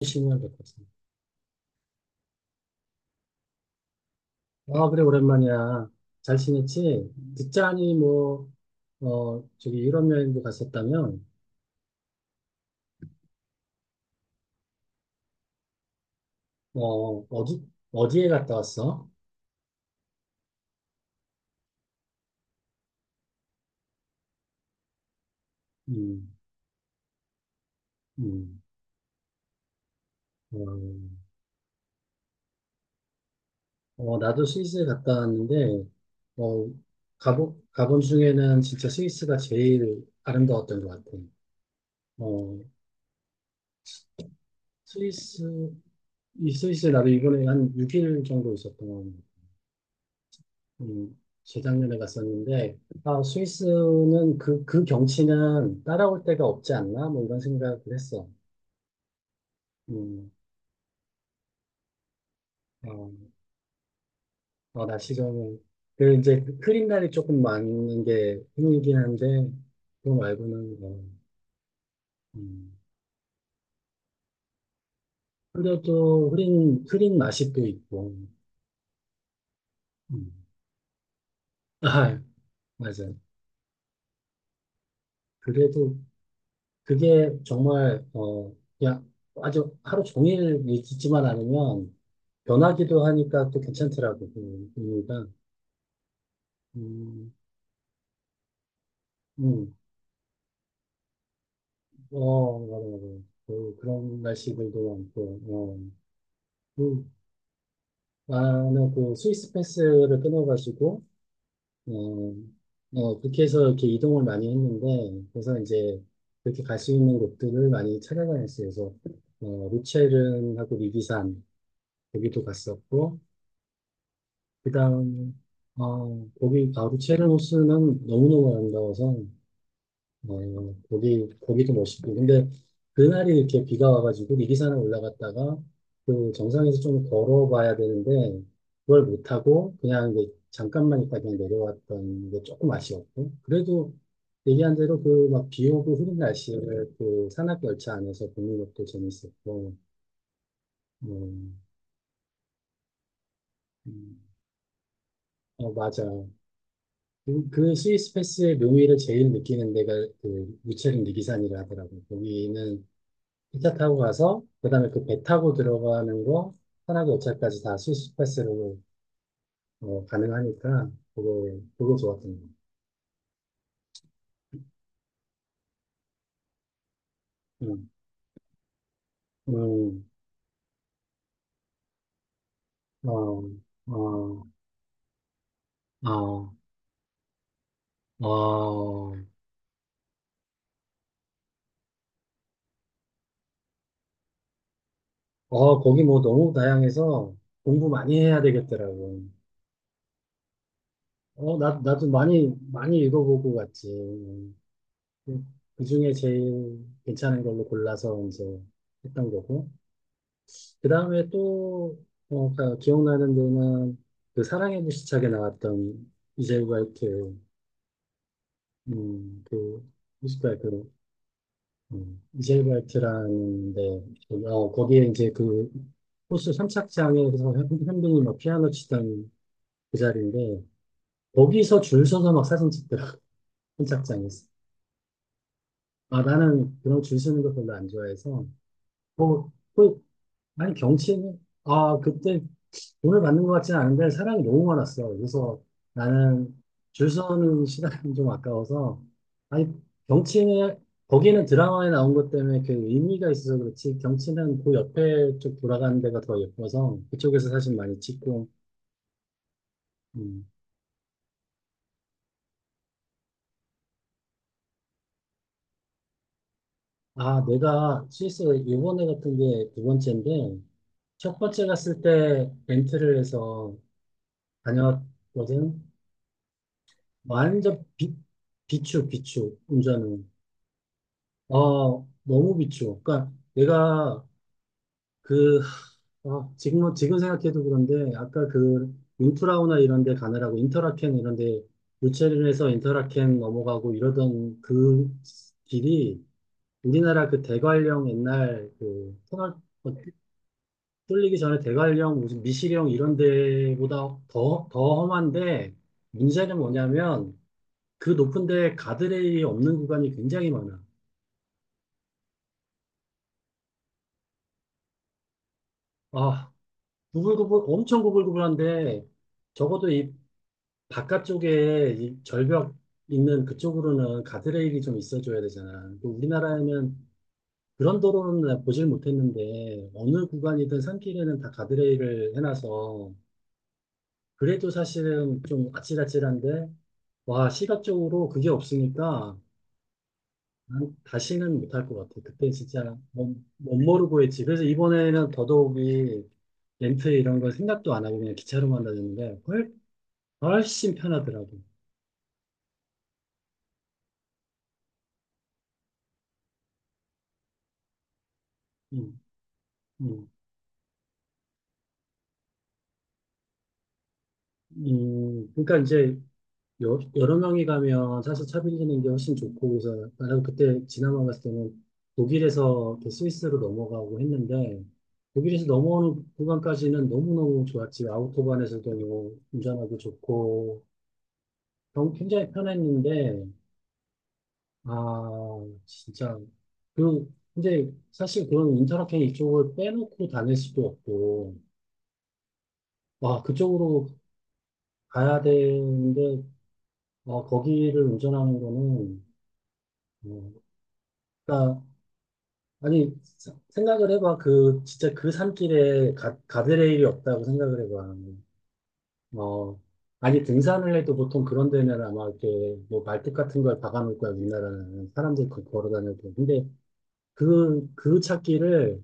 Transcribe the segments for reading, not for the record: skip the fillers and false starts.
1년 됐거든. 아, 그래, 오랜만이야. 잘 지냈지? 듣자니, 뭐, 저기 유럽 여행도 갔었다면, 어, 어디, 어디에 갔다 왔어? 음, 음, 어, 나도 스위스에 갔다 왔는데, 어, 가본 중에는 진짜 스위스가 제일 아름다웠던 것 같아. 어, 스위스, 이 스위스에 나도 이번에 한 6일 정도 있었던, 음, 재작년에 갔었는데, 아, 스위스는 그 경치는 따라올 데가 없지 않나? 뭐 이런 생각을 했어. 음, 어, 어, 날씨 좋으면. 그 이제 그 흐린 날이 조금 많은 게 힘이긴 한데, 그거 말고는, 뭐, 음, 그래도 흐린 맛이 또 있고. 음. 아, 맞아. 그래도 그게 정말, 그냥 아주 하루 종일 있지만 않으면, 변하기도 하니까 또 괜찮더라고, 그 분위기가. 음, 음, 어, 맞아, 맞아. 그런 날씨들도 많고, 어. 그, 나는 그 스위스 패스를 끊어가지고, 어, 그렇게 해서 이렇게 이동을 많이 했는데, 그래서 이제 그렇게 갈 수 있는 곳들을 많이 찾아다녔어요. 그래서, 루체른하고 리비산, 거기도 갔었고, 그 다음, 루체른 호수는 너무너무 아름다워서, 거기도 멋있고. 근데 그날이 이렇게 비가 와가지고 미리산을 올라갔다가 그 정상에서 좀 걸어봐야 되는데, 그걸 못하고 그냥 이제 잠깐만 있다 그냥 내려왔던 게 조금 아쉬웠고. 그래도 얘기한 대로 그 막 비 오고 흐린 날씨를 그 산악열차 안에서 보는 것도 재밌었고. 음, 음, 어, 맞아. 그 스위스 패스의 묘미를 제일 느끼는 데가 그 무체린 리기산이라 하더라고. 거기는 기차 타고 가서 그다음에 그 배 타고 들어가는 거, 산악, 도 열차까지 다 스위스 패스로 가능하니까 그거 좋았던 거. 음, 어, 어, 어, 어, 어, 거기 뭐 너무 다양해서 공부 많이 해야 되겠더라고. 어, 나 나도 많이 많이 읽어보고 갔지. 그, 그중에 제일 괜찮은 걸로 골라서 이제 했던 거고. 그 다음에 또, 기억나는 데는 그 사랑의 불시착에 나왔던 이젤 화이트, 그, 뭐랄까, 그, 이젤 화이트라는 데, 거기에 이제 그 호수 선착장에서 현빈이 막 피아노 치던 그 자리인데, 거기서 줄 서서 막 사진 찍더라, 선착장에서. 아, 나는 그런 줄 서는 거 별로 안 좋아해서, 뭐, 그, 아니, 경치는, 아, 그때 돈을 받는 것 같지는 않은데 사람이 너무 많았어. 그래서 나는 줄 서는 시간이 좀 아까워서, 아니, 경치는, 거기는 드라마에 나온 것 때문에 그 의미가 있어서 그렇지, 경치는 그 옆에 쪽 돌아가는 데가 더 예뻐서 그쪽에서 사진 많이 찍고. 음. 아, 내가 스위스 이번에 같은 게 두 번째인데, 첫 번째 갔을 때 렌트를 해서 다녔거든. 완전 비추 비추. 운전은 너무 비추. 그러니까 내가, 그, 지금 생각해도 그런데, 아까 그 윈프라우나 이런 데 가느라고 인터라켄 이런 데, 유채림에서 인터라켄 넘어가고 이러던 그 길이, 우리나라 그 대관령 옛날 그 터널, 어, 뚫리기 전에 대관령 무슨 미시령 이런 데보다 더 험한데, 문제는 뭐냐면 그 높은 데 가드레일이 없는 구간이 굉장히 많아. 아, 구불구불, 엄청 구불구불한데, 적어도 이 바깥쪽에 이 절벽 있는 그쪽으로는 가드레일이 좀 있어줘야 되잖아. 그 우리나라에는 그런 도로는 나 보질 못했는데, 어느 구간이든 산길에는 다 가드레일을 해놔서, 그래도 사실은 좀 아찔아찔한데, 와, 시각적으로 그게 없으니까, 난 다시는 못할 것 같아. 그때 진짜 못 모르고 했지. 그래서 이번에는 더더욱이 렌트 이런 걸 생각도 안 하고 그냥 기차로만 다녔는데 훨씬 편하더라고. 음, 음, 그러니까 이제 여러 명이 가면 사실 차별리는 게 훨씬 좋고, 그래서 나는 그때 지나만 갔을 때는 독일에서 이렇게 스위스로 넘어가고 했는데, 독일에서 넘어오는 구간까지는 너무너무 좋았지. 아우토반에서도 뭐 운전하기 좋고 너무 굉장히 편했는데, 아, 진짜. 그 근데 사실 그런 인터라켄 이쪽을 빼놓고 다닐 수도 없고, 와, 그쪽으로 가야 되는데 거기를 운전하는 거는, 어, 그러니까, 아니, 생각을 해봐. 그, 진짜 그 산길에 가드레일이 없다고 생각을 해봐. 어, 아니, 등산을 해도 보통 그런 데는 아마 이렇게, 뭐, 말뚝 같은 걸 박아놓을 거야, 우리나라는. 사람들이 그 걸어 다녀도. 근데 그 찾기를,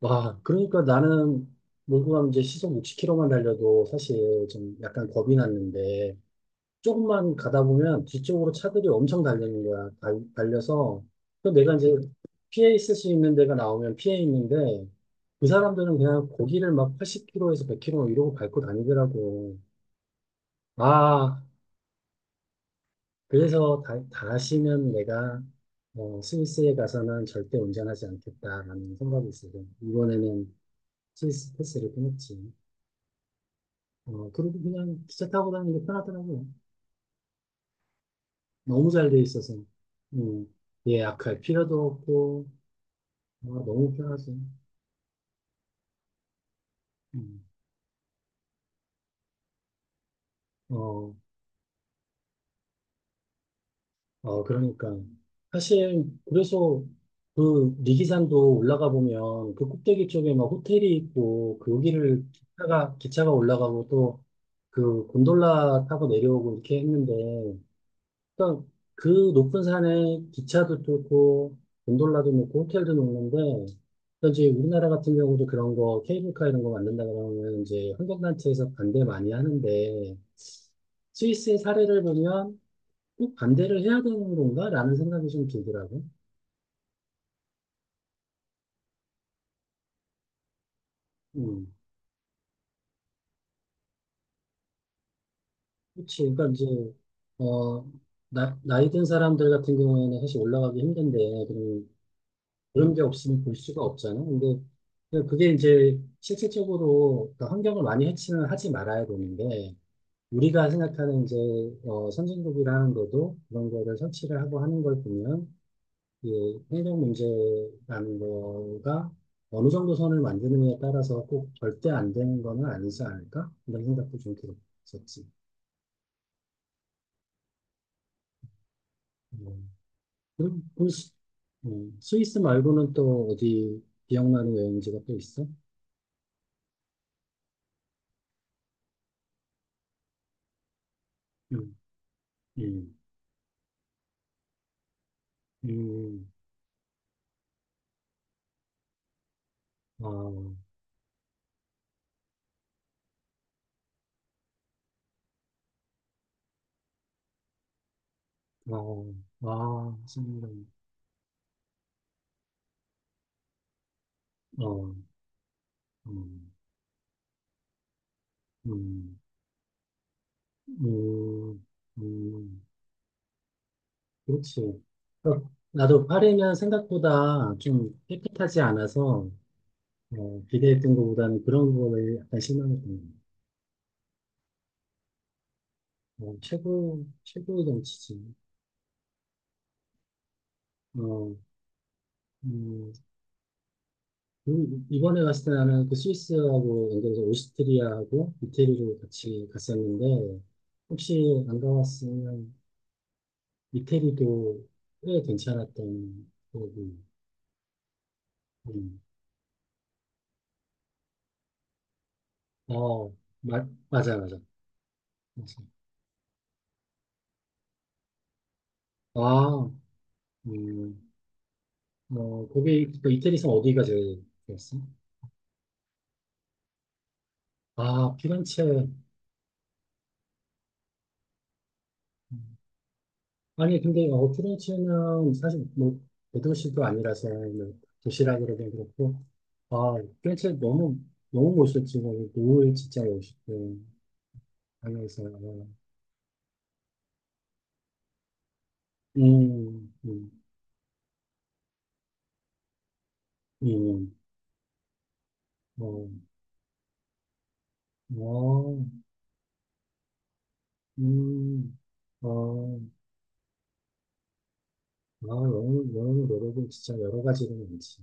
와, 그러니까 나는 몰고 가면 이제 시속 60km만 달려도 사실 좀 약간 겁이 났는데, 조금만 가다 보면 뒤쪽으로 차들이 엄청 달리는 거야. 달려서. 그 내가 이제 피해 있을 수 있는 데가 나오면 피해 있는데, 그 사람들은 그냥 고기를 막 80km에서 100km 이러고 밟고 다니더라고. 아, 그래서 다시는 내가 스위스에 가서는 절대 운전하지 않겠다라는 생각이 있어서, 이번에는 스위스 패스를 끊었지. 그리고 그냥 기차 타고 다니는 게 편하더라고요. 너무 잘 돼 있어서. 음, 예약할 필요도 없고, 아, 너무 편하지. 음. 어, 어, 그러니까, 사실, 그래서 그 리기산도 올라가 보면 그 꼭대기 쪽에 막 호텔이 있고, 거기를 기차가 올라가고, 또 그 곤돌라 타고 내려오고 이렇게 했는데, 그러니까 그 높은 산에 기차도 뚫고 곤돌라도 놓고 호텔도 놓는데, 그 이제 우리나라 같은 경우도 그런 거 케이블카 이런 거 만든다 그러면 이제 환경단체에서 반대 많이 하는데, 스위스의 사례를 보면 꼭 반대를 해야 되는 건가라는 생각이 좀 들더라고. 음, 그렇지. 그러니까 이제 어 나이 든 사람들 같은 경우에는 사실 올라가기 힘든데, 그럼 그런 게 없으면 볼 수가 없잖아. 근데 그게 이제 실질적으로 그 환경을 많이 해치는 하지 말아야 되는데, 우리가 생각하는 이제, 선진국이라는 것도 그런 거를 설치를 하고 하는 걸 보면, 이 환경 문제라는 거가 어느 정도 선을 만드느냐에 따라서 꼭 절대 안 되는 거는 아니지 않을까? 이런 생각도 좀 들었었지. 음. 그럼 스위스 말고는 또 어디 기억나는 여행지가 또 있어? 음, 음, 음, 어, 어, 아, 생각, 어, 음, 음, 음, 음, 그렇지. 어, 나도 파리는 생각보다 좀 깨끗하지 않아서, 기대했던 것보다는 그런 거에 약간 실망했던 거. 최고의 정치지. 어, 음, 그리고 이번에 갔을 때 나는 그 스위스하고 연결해서 오스트리아하고 이태리로 같이 갔었는데, 혹시 안 가봤으면 이태리도 꽤 괜찮았던 거고. 음. 어, 맞아, 맞아. 맞아. 아, 음, 그 이태리에서 어디가 제일 좋았어? 아, 피렌체. 음. 아니, 근데, 피렌체는 사실 뭐, 대도시도 아니라서, 뭐, 도시라 그러긴 그렇고, 아, 피렌체 너무, 너무 멋있었지. 거기 노을 진짜 멋있고, 하면서, 음, 음, 음, 어, 어. 음, 어, 아, 영어 노력이 진짜 여러 가지로 많지.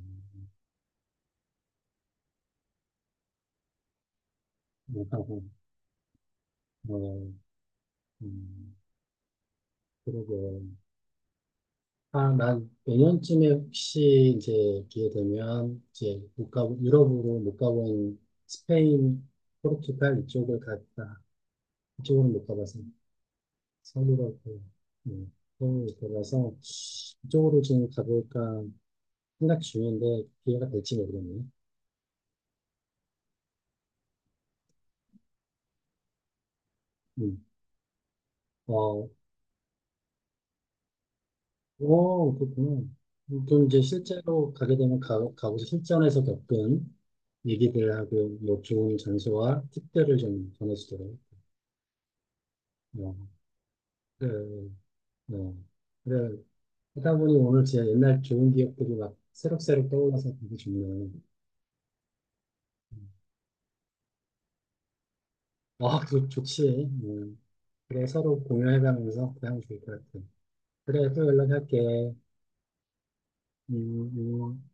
못하고, 어, 음, 그러고, 아, 난 내년쯤에 혹시 이제 기회 되면, 이제 못 가고, 유럽으로 못 가본 스페인, 포르투갈 이쪽을 갔다. 이쪽으로 못 가봐서, 서유럽고, 음, 서울을 못 가봐서, 이쪽으로 좀 가볼까 생각 중인데, 기회가 될지 모르겠네. 음. 어, 오, 그렇구나. 그럼 이제 실제로 가게 되면 가고 실전에서 겪은 얘기들하고 뭐 좋은 장소와 팁들을 좀 전해주더라고요. 어, 그래, 어, 그래. 하다 보니 오늘 진짜 옛날 좋은 기억들이 막 새록새록 떠올라서 되게 좋네요. 음. 아, 그, 좋지. 음. 그래, 서로 공유해가면서 그냥 좋을 것 같아. 그래, 또 연락할게. 음, 음.